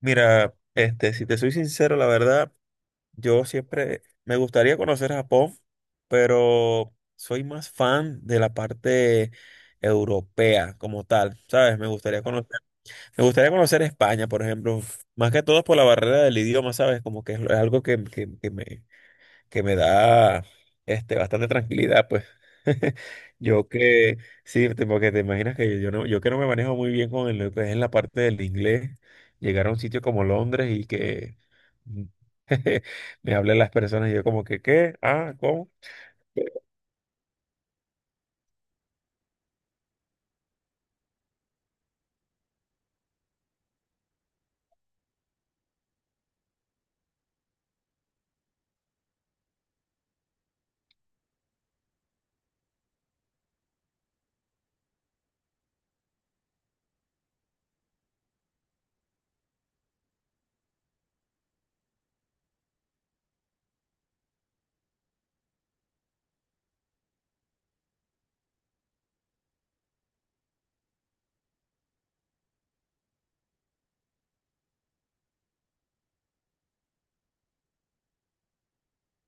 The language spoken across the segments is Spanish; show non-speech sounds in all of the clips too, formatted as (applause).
Mira, este, si te soy sincero, la verdad, yo siempre me gustaría conocer Japón, pero soy más fan de la parte europea como tal, ¿sabes? Me gustaría conocer España, por ejemplo, más que todo por la barrera del idioma, ¿sabes? Como que es algo que me, que me da este, bastante tranquilidad, pues. (laughs) Yo que, sí, te- porque te imaginas que yo no, yo que no me manejo muy bien con el- lo que es en la parte del inglés, llegar a un sitio como Londres y que (laughs) me hablen las personas y yo como que, ¿qué? Ah, ¿cómo?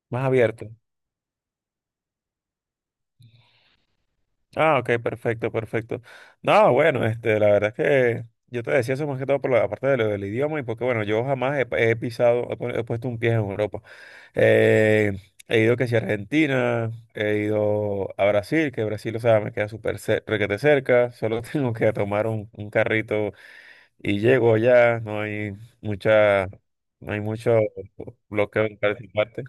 Más abierto. Ah, ok, perfecto, perfecto. No, bueno, este, la verdad es que yo te decía eso más que todo por la parte de lo del idioma y porque, bueno, yo jamás he, he pisado, he, pu- he puesto un pie en Europa. Eh, He ido que si a Argentina, he ido a Brasil, que Brasil, o sea, me queda súper cer- requete cerca, solo (laughs) tengo que tomar un carrito y llego allá, no hay mucha, no hay mucho bloqueo en parte.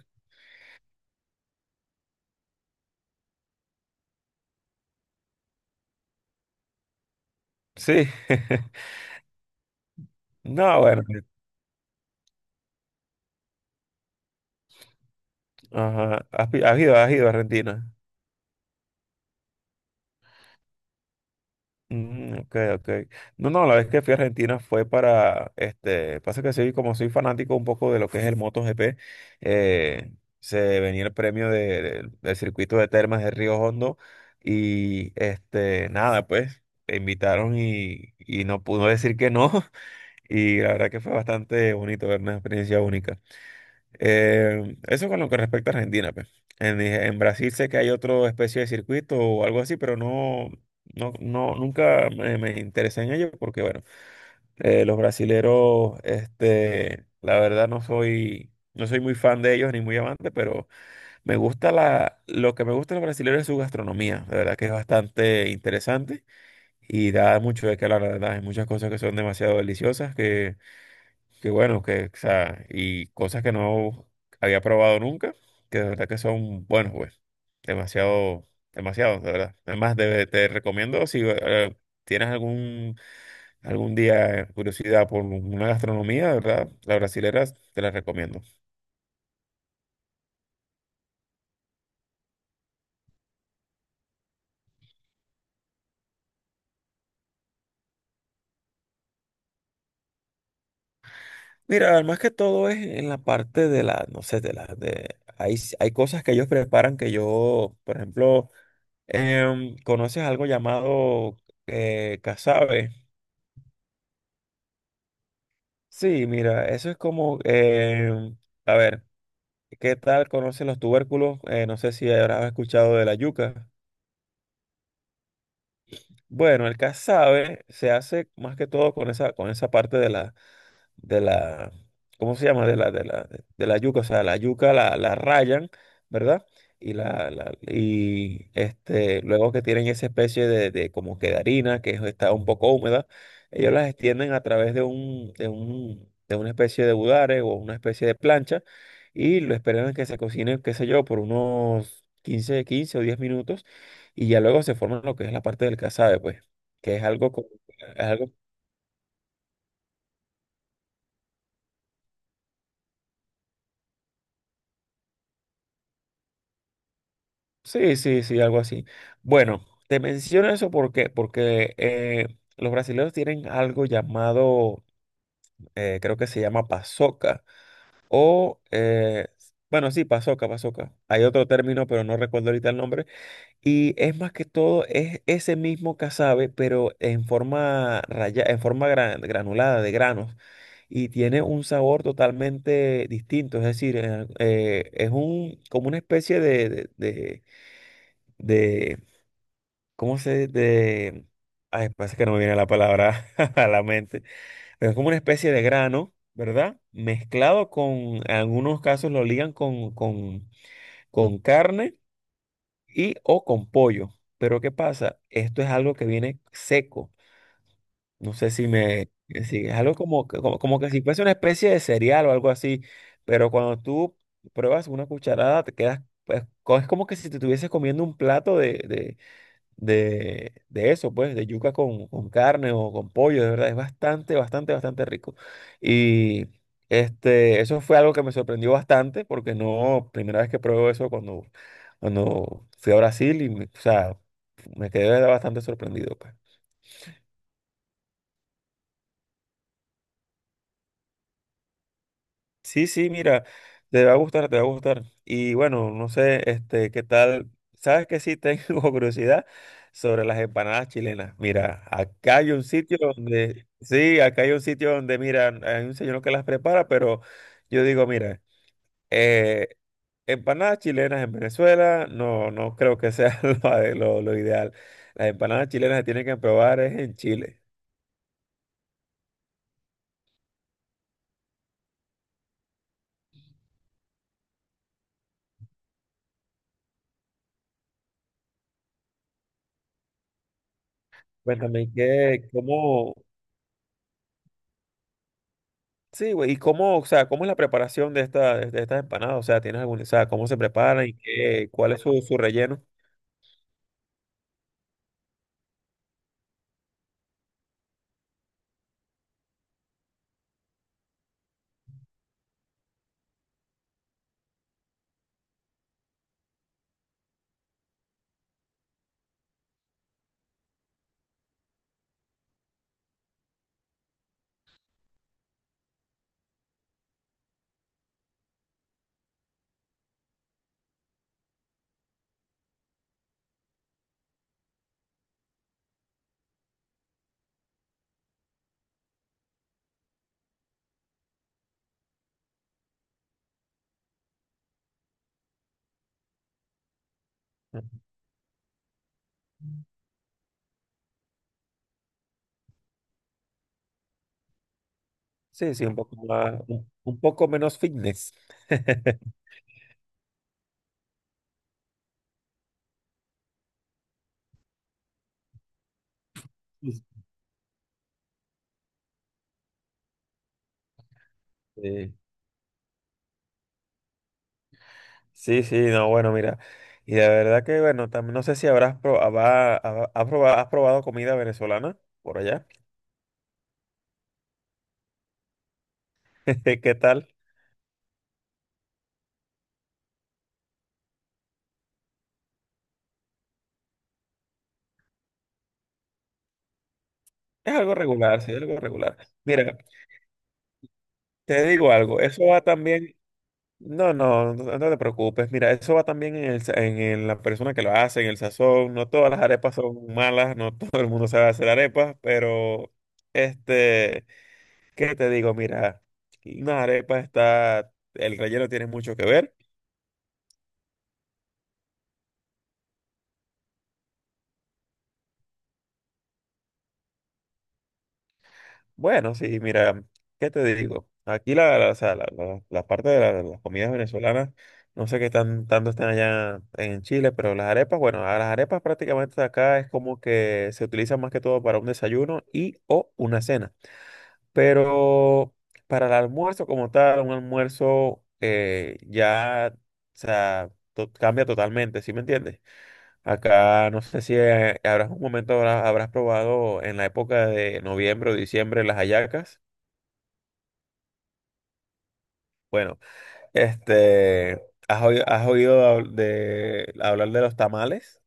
Sí. (laughs) No, bueno, ajá, has pi- has ido a Argentina. Mm, ok, ok. No, no, la vez que fui a Argentina fue para, este, pasa que soy, como soy fanático un poco de lo que es el MotoGP, eh, se venía el premio de- del circuito de Termas de Río Hondo y, este, nada, pues, me invitaron y no pudo decir que no (laughs) y la verdad que fue bastante bonito, ver una experiencia única. Eso con lo que respecta a Argentina, pues. En Brasil sé que hay otra especie de circuito o algo así, pero no, nunca me, me interesé en ello porque, bueno, los brasileros, este, la verdad no soy, no soy muy fan de ellos ni muy amante, pero me gusta la, lo que me gusta de los brasileros es su gastronomía, de verdad que es bastante interesante y da mucho de qué hablar, la verdad, hay muchas cosas que son demasiado deliciosas que qué bueno, que, o sea, y cosas que no había probado nunca, que de verdad que son buenos, pues. Demasiado, demasiado, de verdad. Además, de- te recomiendo, si tienes algún, algún día curiosidad por una gastronomía, de verdad, la brasilera te la recomiendo. Mira, además que todo es en la parte de la, no sé, de la, de, hay, s- hay cosas que ellos preparan que yo, por ejemplo, ¿conoces algo llamado casabe? Sí, mira, eso es como, a ver, ¿qué tal conocen los tubérculos? No sé si habrás escuchado de la yuca. Bueno, el casabe se hace más que todo con esa parte de la, ¿cómo se llama? De la, de la yuca, o sea, la yuca la, la rayan, ¿verdad? Y la- y este, luego que tienen esa especie de como que de harina, que es- está un poco húmeda, ellos las extienden a través de de una especie de budare o una especie de plancha, y lo esperan a que se cocine, qué sé yo, por unos quince o 10 minutos, y ya luego se forma lo que es la parte del casabe, pues, que es algo como, sí, sí, sí, algo así. Bueno, te menciono eso porque los brasileños tienen algo llamado, creo que se llama pasoca, o, bueno, sí, pasoca, pasoca. Hay otro término, pero no recuerdo ahorita el nombre. Y es más que todo, es ese mismo casabe, pero en forma raya, en forma gran- granulada de granos. Y tiene un sabor totalmente distinto, es decir, es un, como una especie de- de ¿cómo se de... ay, pasa que no me viene la palabra (laughs) a la mente. Pero es como una especie de grano, ¿verdad? Mezclado con, en algunos casos lo ligan con carne y o con pollo. Pero ¿qué pasa? Esto es algo que viene seco. No sé si me... si es algo como, que- como, como que si fuese una especie de cereal o algo así. Pero cuando tú pruebas una cucharada, te quedas... pues, co- es como que si te estuvieses comiendo un plato de eso, pues, de yuca con carne o con pollo, de verdad, es bastante, bastante, bastante rico. Y este, eso fue algo que me sorprendió bastante, porque no, primera vez que pruebo eso cuando fui a Brasil y, me- o sea, me quedé bastante sorprendido, pues. Sí, sí, mira, te va a gustar, te va a gustar. Y bueno, no sé, este, qué tal. Sabes que sí tengo (laughs) curiosidad sobre las empanadas chilenas. Mira, acá hay un sitio donde, sí, acá hay un sitio donde, mira, hay un señor que las prepara, pero yo digo, mira, eh, empanadas chilenas en Venezuela, no, no creo que sea (laughs) lo, ade- lo ideal. Las empanadas chilenas se tienen que probar es en Chile. Cuéntame, ¿qué, cómo? Sí, güey, ¿y cómo, o sea, cómo es la preparación de esta, de estas empanadas? O sea, ¿tienes algún, o sea, cómo se preparan y qué, cuál es su, su relleno? Ujú. Sí, sí, un poco más, un poco menos fitness. (laughs) Sí, sí, sí, no, bueno, mira. Y de verdad que, bueno, también no sé si habrás pro- habrá- habrá- has probado comida venezolana por allá. (laughs) ¿Qué tal? Es algo regular, sí, es algo regular. Mira, te digo algo, eso va también, no, no, no no te preocupes. Mira, eso va también en el, sa- en el- la persona que lo hace, en el sazón. No todas las arepas son malas, no (laughs) todo el mundo sabe hacer arepas, pero este, ¿qué te digo? Mira, una arepa está, el relleno tiene mucho que ver. Bueno, sí, mira, ¿qué te digo? Aquí la, o sea, la- la parte de la- las comidas venezolanas, no sé qué tan, tanto están allá en Chile, pero las arepas, bueno, a las arepas prácticamente acá es como que se utilizan más que todo para un desayuno y o una cena. Pero para el almuerzo como tal, un almuerzo ya, o sea, to- cambia totalmente, ¿sí me entiendes? Acá no sé si habrás un momento habrás, habrás probado en la época de noviembre o diciembre las hallacas. Bueno, este, has oído hab- de, hablar de los tamales?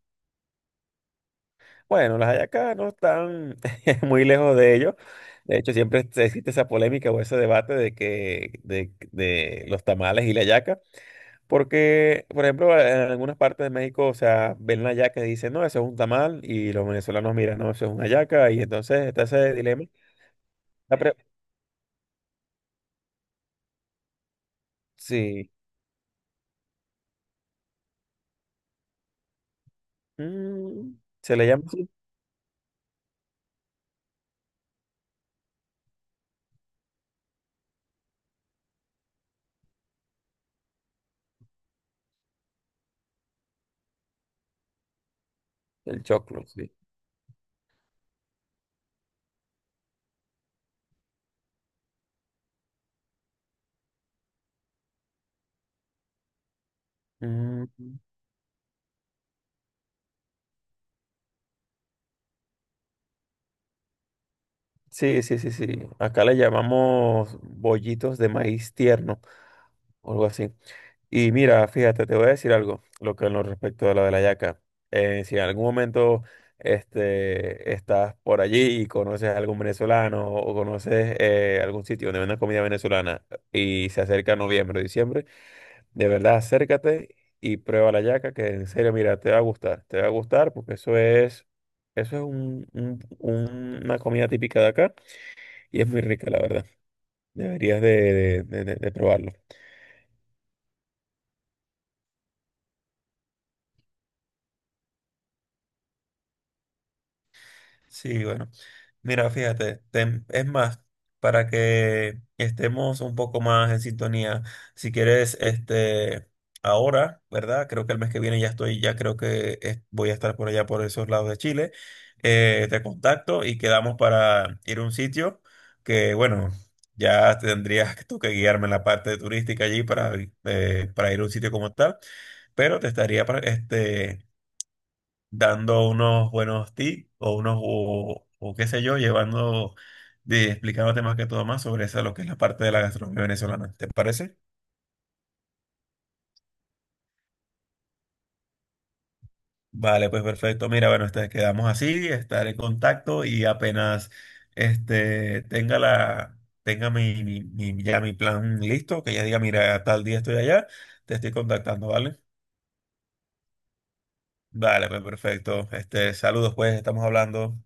Bueno, las hallacas no están (laughs) muy lejos de ello. De hecho, siempre este- existe esa polémica o ese debate de que de los tamales y la hallaca, porque, por ejemplo, en algunas partes de México, o sea, ven la hallaca y dicen, no, eso es un tamal, y los venezolanos miran, no, eso es una hallaca, y entonces está ese dilema. La pre- sí, mm, se le llama así el choclo, sí. Mm. Sí, sí, sí, sí. Acá le llamamos bollitos de maíz tierno o algo así. Y mira, fíjate, te voy a decir algo, lo que en lo respecto a lo de la hallaca. Si en algún momento este, estás por allí y conoces a algún venezolano o conoces algún sitio donde venden comida venezolana y se acerca noviembre o diciembre, de verdad acércate y prueba la hallaca. Que en serio, mira, te va a gustar, te va a gustar porque eso es un- una comida típica de acá y es muy rica, la verdad. Deberías de probarlo. Sí, bueno. Mira, fíjate, tem- es más, para que estemos un poco más en sintonía, si quieres, este, ahora, ¿verdad? Creo que el mes que viene ya estoy, ya creo que es- voy a estar por allá, por esos lados de Chile. Te contacto y quedamos para ir a un sitio que, bueno, ya tendrías tú que guiarme en la parte turística allí para ir a un sitio como tal, pero te estaría, pra- este... dando unos buenos tips o unos, o qué sé yo, llevando, de, explicándote más que todo más sobre esa, lo que es la parte de la gastronomía venezolana. ¿Te parece? Vale, pues perfecto. Mira, bueno, este, quedamos así, estaré en contacto y apenas este, tenga la, tenga mi, mi, mi- ya mi plan listo, que ya diga, mira, tal día estoy allá, te estoy contactando, ¿vale? Vale, pues perfecto. Este, saludos, pues, estamos hablando.